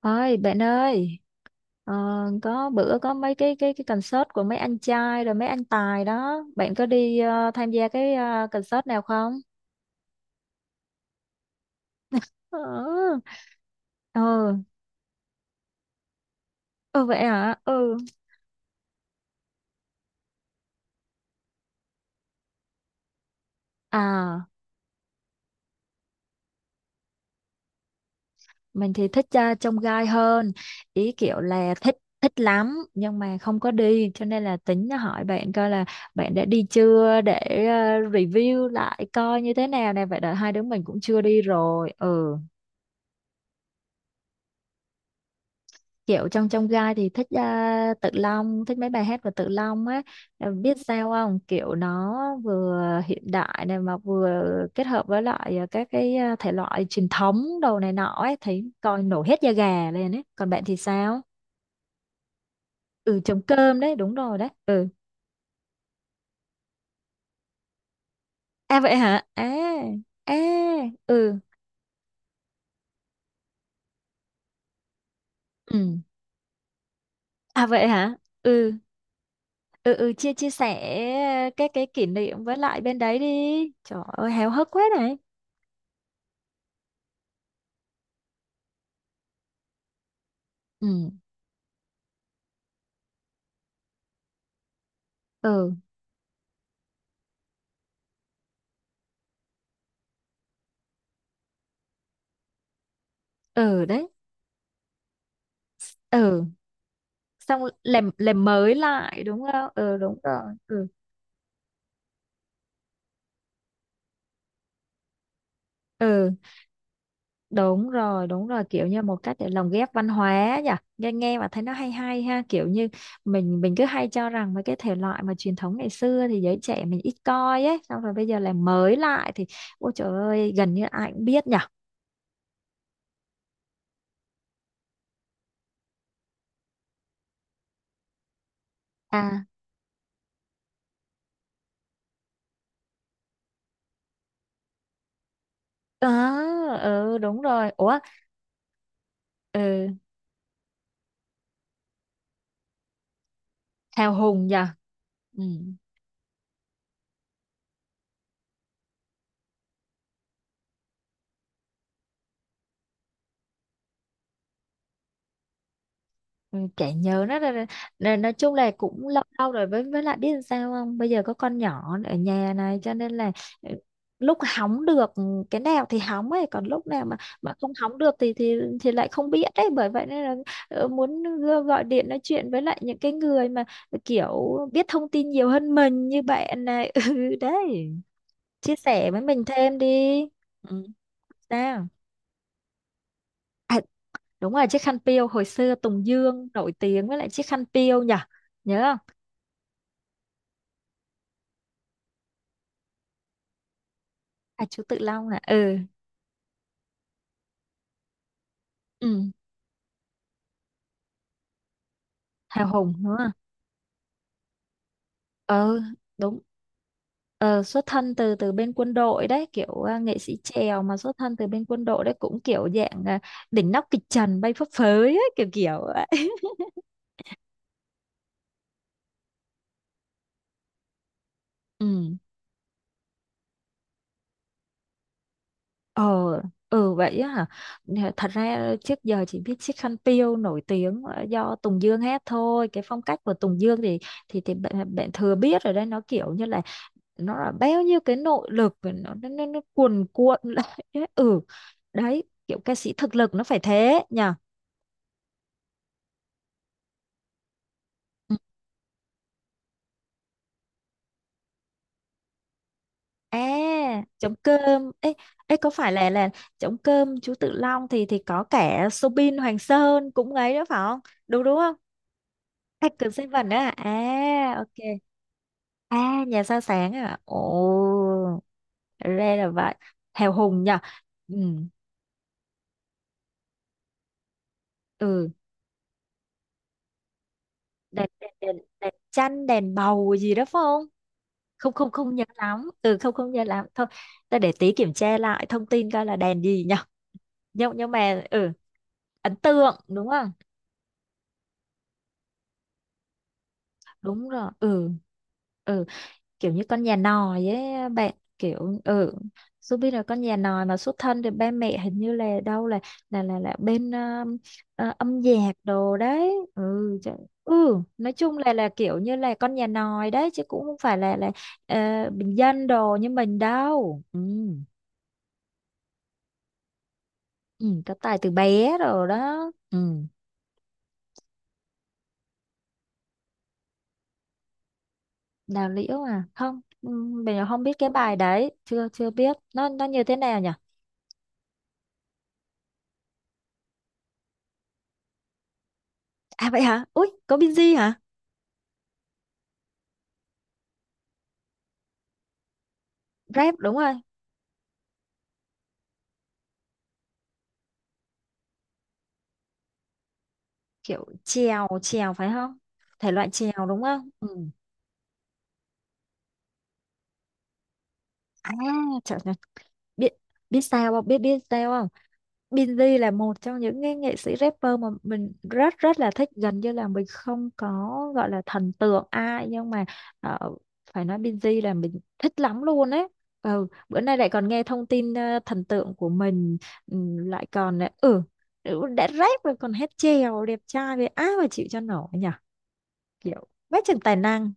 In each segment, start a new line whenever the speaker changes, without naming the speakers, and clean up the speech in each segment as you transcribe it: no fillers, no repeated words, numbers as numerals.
Ơi bạn ơi, ờ, có bữa có mấy cái concert của mấy anh trai rồi mấy anh tài đó, bạn có đi tham gia cái concert nào không? Ờ, ừ, ừ vậy hả? Ừ. À, mình thì thích trông gai hơn, ý kiểu là thích thích lắm nhưng mà không có đi cho nên là tính hỏi bạn coi là bạn đã đi chưa để review lại coi như thế nào nè, vậy là hai đứa mình cũng chưa đi rồi. Ừ. Kiểu trong trong gai thì thích, Tự Long, thích mấy bài hát của Tự Long á. Ờ, biết sao không, kiểu nó vừa hiện đại này mà vừa kết hợp với lại các cái, thể loại truyền thống đồ này nọ ấy, thấy coi nổi hết da gà lên ấy. Còn bạn thì sao? Ừ, trống cơm đấy, đúng rồi đấy. Ừ. À vậy hả. À. À. Ừ. Ừ. À vậy hả. Ừ. Ừ. Ừ, chia chia sẻ cái kỷ niệm với lại bên đấy đi. Trời ơi háo hức quá này. Ừ. Ừ. Ừ đấy. Ừ, xong làm mới lại đúng không? Ừ đúng rồi. Ừ. Ừ đúng rồi, đúng rồi, kiểu như một cách để lồng ghép văn hóa nhỉ. Nghe nghe mà thấy nó hay hay ha, kiểu như mình cứ hay cho rằng mấy cái thể loại mà truyền thống ngày xưa thì giới trẻ mình ít coi ấy, xong rồi bây giờ làm mới lại thì ôi trời ơi gần như ai cũng biết nhỉ. À. Ờ. Ừ đúng rồi. Ủa. Ừ. Hào hùng nhỉ. Ừ. Ừ, chả nhớ nó là nói chung là cũng lâu lâu rồi, với lại biết làm sao không, bây giờ có con nhỏ ở nhà này cho nên là, ừ, lúc hóng được cái nào thì hóng ấy, còn lúc nào mà không hóng được thì thì lại không biết đấy. Bởi vậy nên là muốn gọi điện nói chuyện với lại những cái người mà kiểu biết thông tin nhiều hơn mình như bạn này ừ đấy, chia sẻ với mình thêm đi. Ừ, sao? À, đúng rồi, chiếc khăn piêu, hồi xưa Tùng Dương nổi tiếng với lại chiếc khăn piêu nhỉ. Nhớ không? À, chú Tự Long à. Ừ. Ừ. Hào hùng đúng không? Ờ đúng. Ờ, Xuất thân từ từ bên quân đội đấy, kiểu nghệ sĩ chèo mà xuất thân từ bên quân đội đấy, cũng kiểu dạng đỉnh nóc kịch trần bay phấp phới ấy, kiểu kiểu vậy ừ. Ờ. Ừ vậy á hả. Nè, thật ra trước giờ chỉ biết Chiếc Khăn Piêu nổi tiếng do Tùng Dương hát thôi, cái phong cách của Tùng Dương thì thì bạn thừa biết rồi đấy, nó kiểu như là nó là bao nhiêu cái nội lực, và nó cuồn cuộn lại ấy. Ừ. Đấy, kiểu ca sĩ thực lực nó phải thế nhờ. Ừ. À trống cơm ấy, có phải là trống cơm chú Tự Long thì có cả Soobin Hoàng Sơn cũng ấy đó phải không? Đúng đúng không? Hacker Seven á. À ok. À nhà sao sáng à. Ồ, ra là vậy. Hào hùng nhờ. Ừ. Ừ. đèn đèn đèn đèn chanh, đèn bầu gì đó phải không? Không, không nhớ lắm. Ừ, không không nhớ lắm thôi. Ta để tí kiểm tra lại thông tin coi là đèn gì nhở. Nhưng mà ừ, ấn tượng đúng không? Đúng rồi. Ừ. Ừ, kiểu như con nhà nòi ấy bạn, kiểu. Ừ. Ruby là con nhà nòi mà, xuất thân thì ba mẹ hình như là đâu là là bên âm nhạc đồ đấy, ừ ừ, nói chung là kiểu như là con nhà nòi đấy, chứ cũng không phải là ờ, bình dân đồ như mình đâu. Ừ. Ừ, có tài từ bé rồi đó. Ừ. Đào liễu à? Không, ừ, mình không biết cái bài đấy, chưa chưa biết nó như thế nào nhỉ. À vậy hả? Ui có Binz hả? Rap đúng rồi. Kiểu chèo chèo phải không? Thể loại chèo đúng không? Ừ. À trời ơi, biết biết sao không, biết biết sao không, Binz là một trong những cái nghệ sĩ rapper mà mình rất rất là thích, gần như là mình không có gọi là thần tượng ai, nhưng mà ờ, phải nói Binz là mình thích lắm luôn ấy. Ừ, bữa nay lại còn nghe thông tin thần tượng của mình, ừ, lại còn ừ, ừ, đã rap rồi còn hát chèo, đẹp trai vậy ai mà chịu cho nổi nhỉ, kiểu quá chừng tài năng.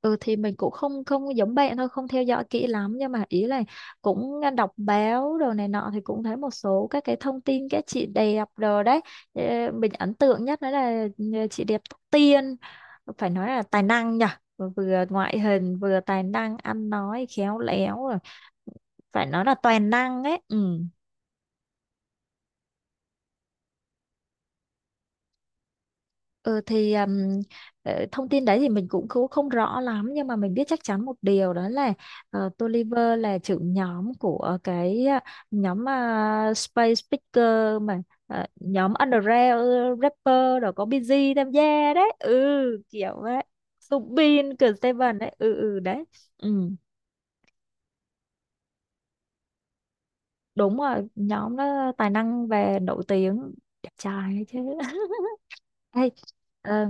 Ừ thì mình cũng không không giống bạn thôi, không theo dõi kỹ lắm, nhưng mà ý là cũng đọc báo đồ này nọ thì cũng thấy một số các cái thông tin các chị đẹp rồi đấy. Ờ, mình ấn tượng nhất đó là chị đẹp Tóc Tiên, phải nói là tài năng nhỉ, vừa ngoại hình vừa tài năng, ăn nói khéo léo rồi, phải nói là toàn năng ấy. Ừ. Ừ thì um, thông tin đấy thì mình cũng không rõ lắm, nhưng mà mình biết chắc chắn một điều đó là Tolliver là trưởng nhóm của cái nhóm Space Picker mà, nhóm underground rapper rồi có Busy tham gia đấy. Ừ, kiểu đấy, Subin, Seven đấy. Ừ. Ừ đấy. Ừ đúng rồi, nhóm đó tài năng và nổi tiếng, đẹp trai ấy chứ Ê, ờ,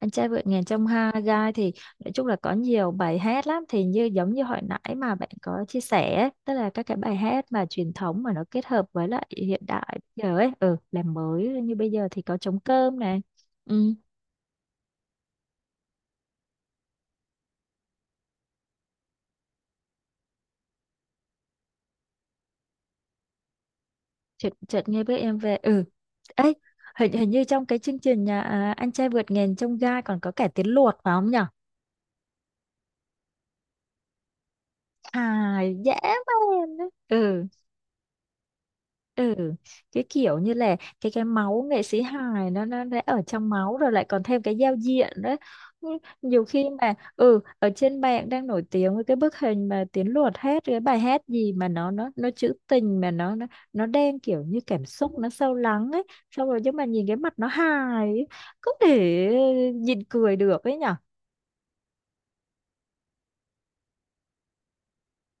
anh trai vượt ngàn chông gai thì nói chung là có nhiều bài hát lắm, thì như giống như hồi nãy mà bạn có chia sẻ ấy, tức là các cái bài hát mà truyền thống mà nó kết hợp với lại hiện đại bây giờ ấy, ừ, làm mới như bây giờ thì có trống cơm này. Ừ, chợt chợt nghe bữa em về. Ừ, ấy, hình hình như trong cái chương trình nhà, anh trai vượt ngàn chông gai còn có cả tiếng luộc phải không nhở? Hài dễ man. Ừ. Ừ. Cái kiểu như là cái máu nghệ sĩ hài nó đã ở trong máu rồi, lại còn thêm cái giao diện đấy. Ừ, nhiều khi mà ừ, ở trên mạng đang nổi tiếng với cái bức hình mà Tiến Luật hát cái bài hát gì mà nó trữ tình, mà nó đem kiểu như cảm xúc nó sâu lắng ấy, xong rồi nhưng mà nhìn cái mặt nó hài ấy, không thể nhìn cười được ấy nhở.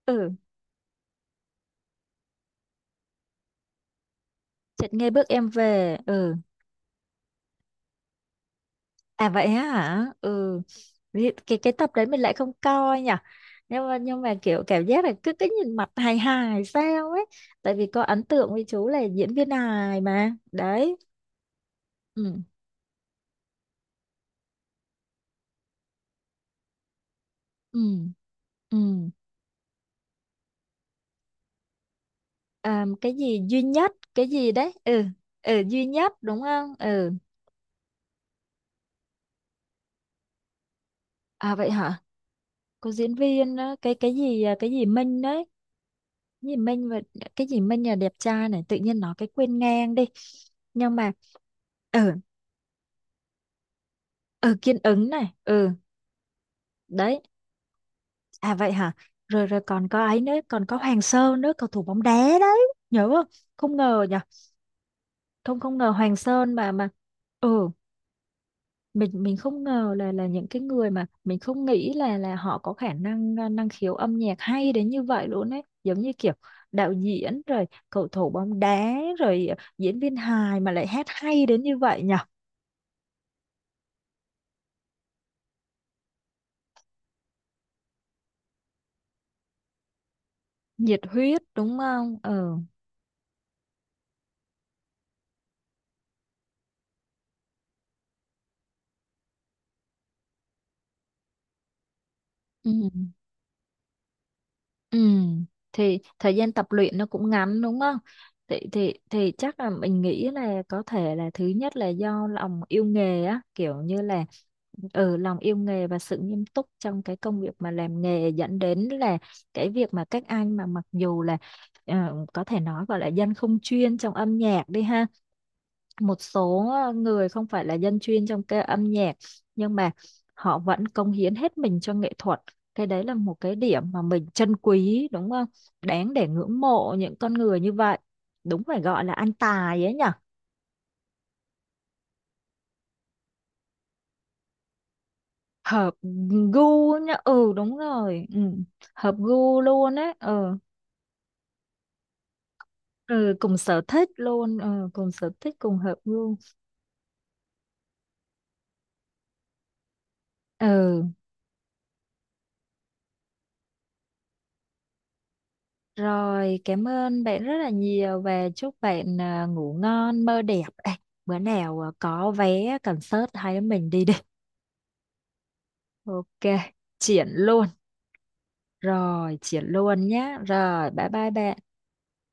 Ừ, chợt nghe bước em về. Ừ. À vậy á hả? Ừ. Vì cái tập đấy mình lại không coi nhỉ. Nhưng mà kiểu cảm giác là cứ cứ nhìn mặt hài hài sao ấy. Tại vì có ấn tượng với chú là diễn viên hài mà. Đấy. Ừ. Ừ. Ừ. À, cái gì duy nhất, cái gì đấy? Ừ. Ừ duy nhất đúng không? Ừ. À vậy hả? Có diễn viên á, cái gì cái gì Minh đấy. Cái gì Minh, và cái gì Minh là đẹp trai này, tự nhiên nói cái quên ngang đi. Nhưng mà ừ. Ừ, Kiên Ứng này. Ừ đấy. À vậy hả. Rồi, rồi còn có ấy nữa, còn có Hoàng Sơn nữa, cầu thủ bóng đá đấy, nhớ không? Không ngờ nhỉ. Không không ngờ Hoàng Sơn mà ừ, mình không ngờ là những cái người mà mình không nghĩ là họ có khả năng, năng khiếu âm nhạc hay đến như vậy luôn ấy, giống như kiểu đạo diễn rồi cầu thủ bóng đá rồi diễn viên hài mà lại hát hay đến như vậy nhỉ. Nhiệt huyết đúng không? Ừ. Ừ. Ừ, thì thời gian tập luyện nó cũng ngắn đúng không? Thì chắc là mình nghĩ là có thể là thứ nhất là do lòng yêu nghề á, kiểu như là ừ, lòng yêu nghề và sự nghiêm túc trong cái công việc mà làm nghề, dẫn đến là cái việc mà các anh, mà mặc dù là có thể nói gọi là dân không chuyên trong âm nhạc đi ha, một số người không phải là dân chuyên trong cái âm nhạc, nhưng mà họ vẫn cống hiến hết mình cho nghệ thuật. Cái đấy là một cái điểm mà mình trân quý đúng không, đáng để ngưỡng mộ những con người như vậy, đúng, phải gọi là ăn tài ấy nhở. Hợp gu nhá. Ừ đúng rồi. Ừ. Hợp gu luôn ấy. Ừ. Ừ, cùng sở thích luôn. Ừ, cùng sở thích, cùng hợp gu. Ừ. Rồi, cảm ơn bạn rất là nhiều và chúc bạn ngủ ngon, mơ đẹp. Ê, bữa nào có vé concert hai đứa mình đi đi. Ok, triển luôn. Rồi, triển luôn nhé. Rồi, bye bye bạn.